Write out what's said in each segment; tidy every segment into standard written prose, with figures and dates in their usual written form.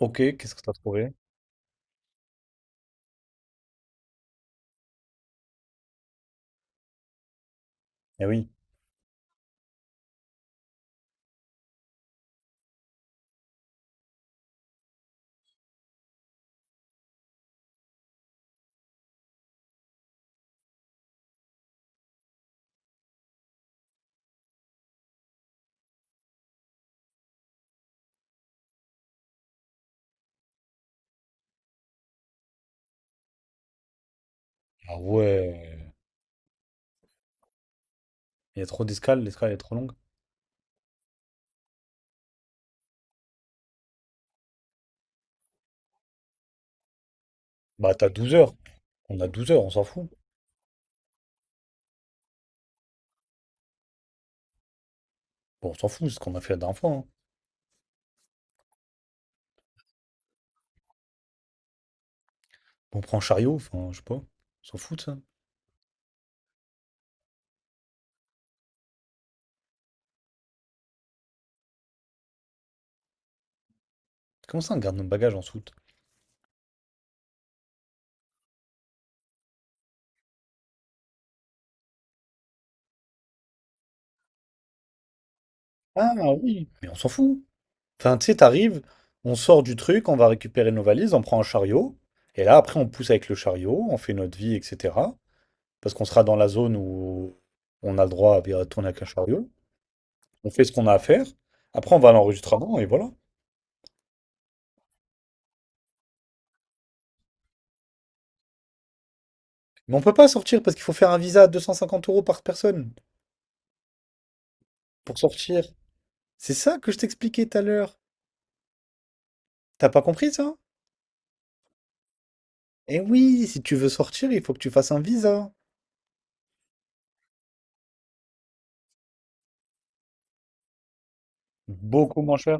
Ok, qu'est-ce que t'as trouvé? Eh oui. Ah ouais. Il y a trop d'escales, l'escale est trop longue. Bah t'as 12 heures. On a 12 heures, on s'en fout. Bon, on s'en fout, c'est ce qu'on a fait la dernière fois, hein. On prend un chariot, enfin, je sais pas. On s'en fout de ça. Comment ça, on garde nos bagages en soute? Ah oui. Mais on s'en fout. Enfin, tu sais, t'arrives, on sort du truc, on va récupérer nos valises, on prend un chariot. Et là, après, on pousse avec le chariot, on fait notre vie, etc. Parce qu'on sera dans la zone où on a le droit à tourner avec un chariot. On fait ce qu'on a à faire. Après, on va à l'enregistrement et voilà. Mais on peut pas sortir parce qu'il faut faire un visa à 250 euros par personne pour sortir. C'est ça que je t'expliquais tout à l'heure. T'as pas compris ça? Eh oui, si tu veux sortir, il faut que tu fasses un visa. Beaucoup moins cher.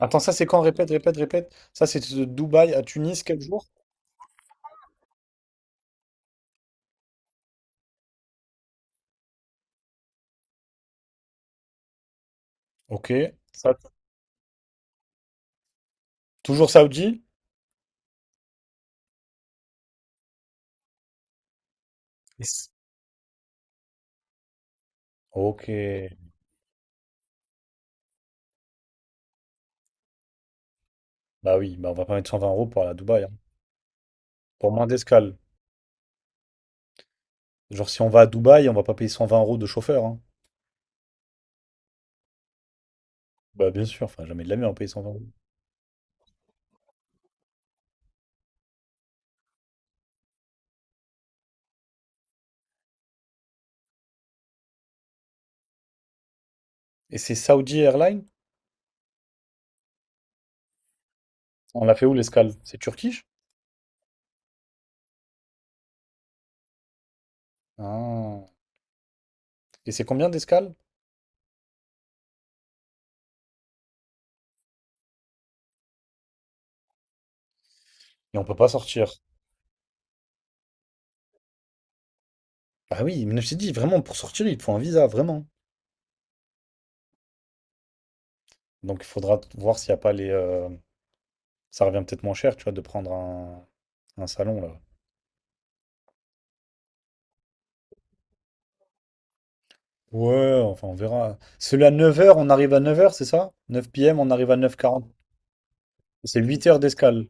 Attends, ça c'est quand? Répète, répète, répète. Ça c'est de Dubaï à Tunis, quel jour? Ok. Ça, toujours Saoudi? Yes. Ok. Bah oui, bah on va pas mettre 120 euros pour aller à Dubaï, hein. Pour moins d'escale. Genre si on va à Dubaï, on va pas payer 120 euros de chauffeur, hein. Bah bien sûr, enfin jamais de la vie on va payer 120 euros. Et c'est Saudi Airlines? On l'a fait où l'escale? C'est Turquie? Ah. Et c'est combien d'escale? Et on peut pas sortir. Ah oui, mais je t'ai dit, vraiment, pour sortir, il te faut un visa, vraiment. Donc il faudra voir s'il n'y a pas les, ça revient peut-être moins cher, tu vois, de prendre un salon là. Ouais, enfin on verra. Celui à 9h, on arrive à 9h, c'est ça? 9 p.m., on arrive à 9h40. C'est 8 heures d'escale.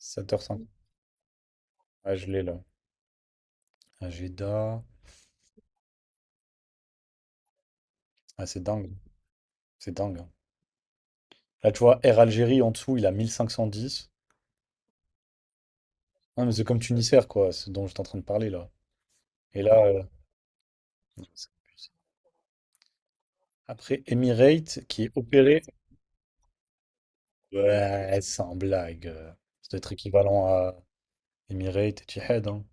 7h05. Ah, je l'ai là. Agenda. Ah, c'est dingue. C'est dingue, hein. Là, tu vois, Air Algérie en dessous, il a 1510. Ah, mais c'est comme Tunisair, quoi, ce dont j'étais en train de parler là. Et là, non, c'est abusé. Après, Emirates qui est opéré, ouais, sans blague. Ça doit être équivalent à Emirates et Etihad, hein.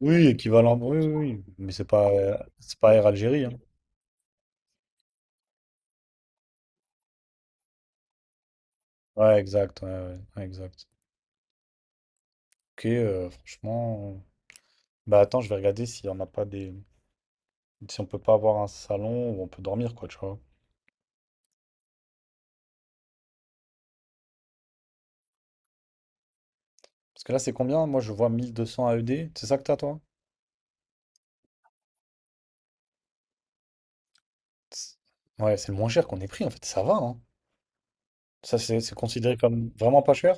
Oui, équivalent, oui, oui, oui, mais c'est pas Air Algérie, hein. Ouais, exact, ouais, ouais, ouais, exact. Ok, franchement, bah attends, je vais regarder si on n'a pas des, si on peut pas avoir un salon où on peut dormir, quoi, tu vois. Parce que là, c'est combien? Moi, je vois 1200 AED. C'est ça que t'as, toi? C'est- Ouais, c'est le moins cher qu'on ait pris, en fait. Ça va, hein. Ça, c'est considéré comme vraiment pas cher?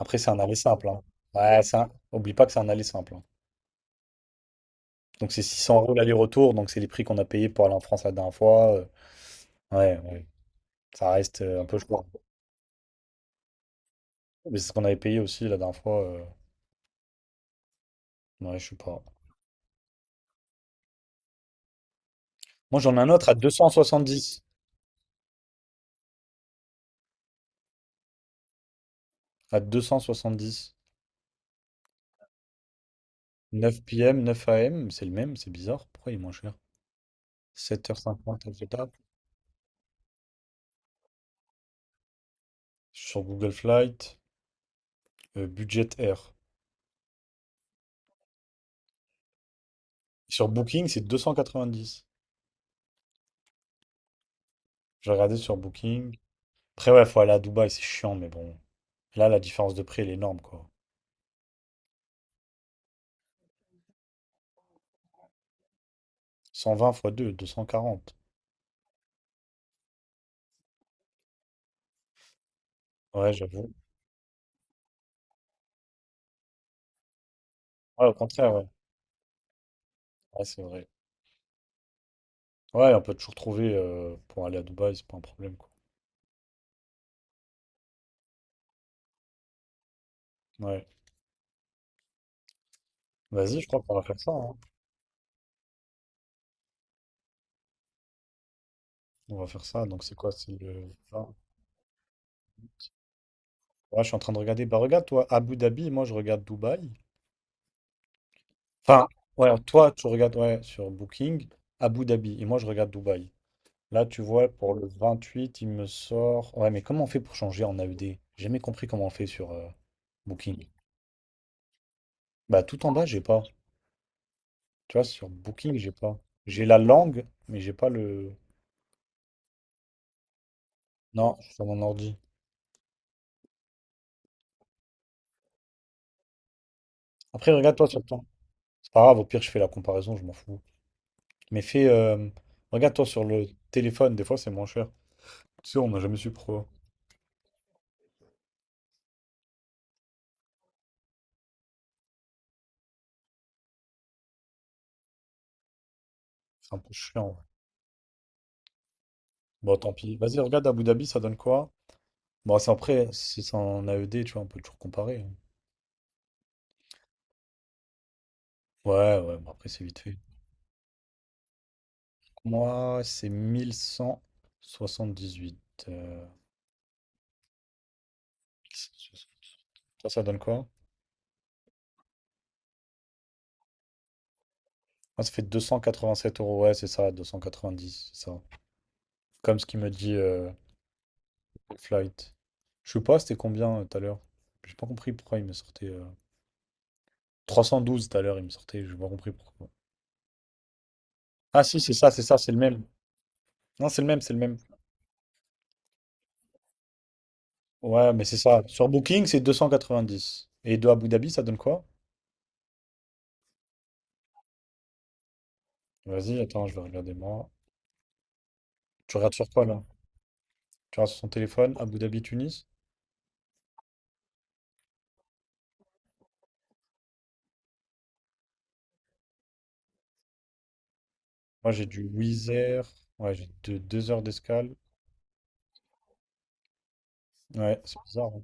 Après, c'est un aller simple, hein. Oublie pas que c'est un aller simple, hein. Donc, c'est 600 euros l'aller-retour. Donc, c'est les prix qu'on a payés pour aller en France la dernière fois. Ouais, ouais. Ça reste un peu choquant. Mais c'est ce qu'on avait payé aussi la dernière fois. Ouais, je sais pas. Moi, j'en ai un autre à 270. À 270. 9 p.m., 9h. C'est le même, c'est bizarre. Pourquoi il est moins cher? 7h50 à l'étape. Sur Google Flight, Budget Air. Sur Booking, c'est 290. J'ai regardé sur Booking. Après, ouais, faut aller à Dubaï, c'est chiant, mais bon. Là, la différence de prix, elle est énorme, quoi. 120 fois 2, 240 Ouais, j'avoue. Ouais, au contraire, ouais. Ouais, c'est vrai. Ouais, on peut toujours trouver pour aller à Dubaï, c'est pas un problème, quoi. Ouais. Vas-y, je crois qu'on va faire ça, hein. On va faire ça. Donc, c'est quoi? C'est le vingt. Ouais, je suis en train de regarder. Bah, regarde, toi, Abu Dhabi, moi, je regarde Dubaï. Enfin, ouais, toi, tu regardes, ouais, sur Booking, Abu Dhabi. Et moi, je regarde Dubaï. Là, tu vois, pour le 28 il me sort. Ouais, mais comment on fait pour changer en AED? J'ai jamais compris comment on fait sur Booking. Bah, tout en bas, j'ai pas. Tu vois, sur Booking, j'ai pas. J'ai la langue, mais j'ai pas le. Non, je suis sur mon ordi. Après, regarde-toi sur ton. C'est pas grave, au pire, je fais la comparaison, je m'en fous. Mais fais. Regarde-toi sur le téléphone, des fois, c'est moins cher. Tu sais, on n'a jamais su pourquoi. C'est un peu chiant, ouais. Bon, tant pis. Vas-y, regarde Abu Dhabi, ça donne quoi? Bon, c'est après, si c'est en AED, tu vois, on peut toujours comparer, hein. Ouais, ouais, bon, après, c'est vite fait. Moi, c'est 1178. euh, Ça, ça donne quoi? Ah, ça fait 287 euros, ouais, c'est ça, 290, c'est ça. Comme ce qu'il me dit Flight. Je sais pas, c'était combien tout à l'heure? J'ai pas compris pourquoi il me sortait. 312 tout à l'heure, il me sortait, j'ai pas compris pourquoi. Ah, si, c'est ça, c'est ça, c'est le même. Non, c'est le même, c'est le même. Ouais, mais c'est ça. Sur Booking, c'est 290. Et de Abu Dhabi, ça donne quoi? Vas-y, attends, je vais regarder moi. Tu regardes sur quoi là? Tu regardes sur son téléphone, Abu Dhabi, Tunis? Moi, j'ai du Wizz Air. Ouais, j'ai deux heures d'escale. Ouais, c'est bizarre, hein.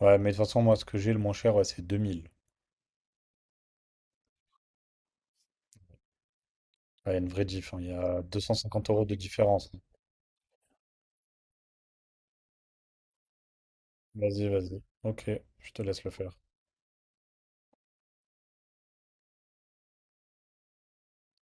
Ouais, mais de toute façon, moi, ce que j'ai le moins cher, ouais, c'est 2000. Ouais, Il y a une vraie diff, hein. Il y a 250 euros de différence. Vas-y, vas-y. Ok, je te laisse le faire.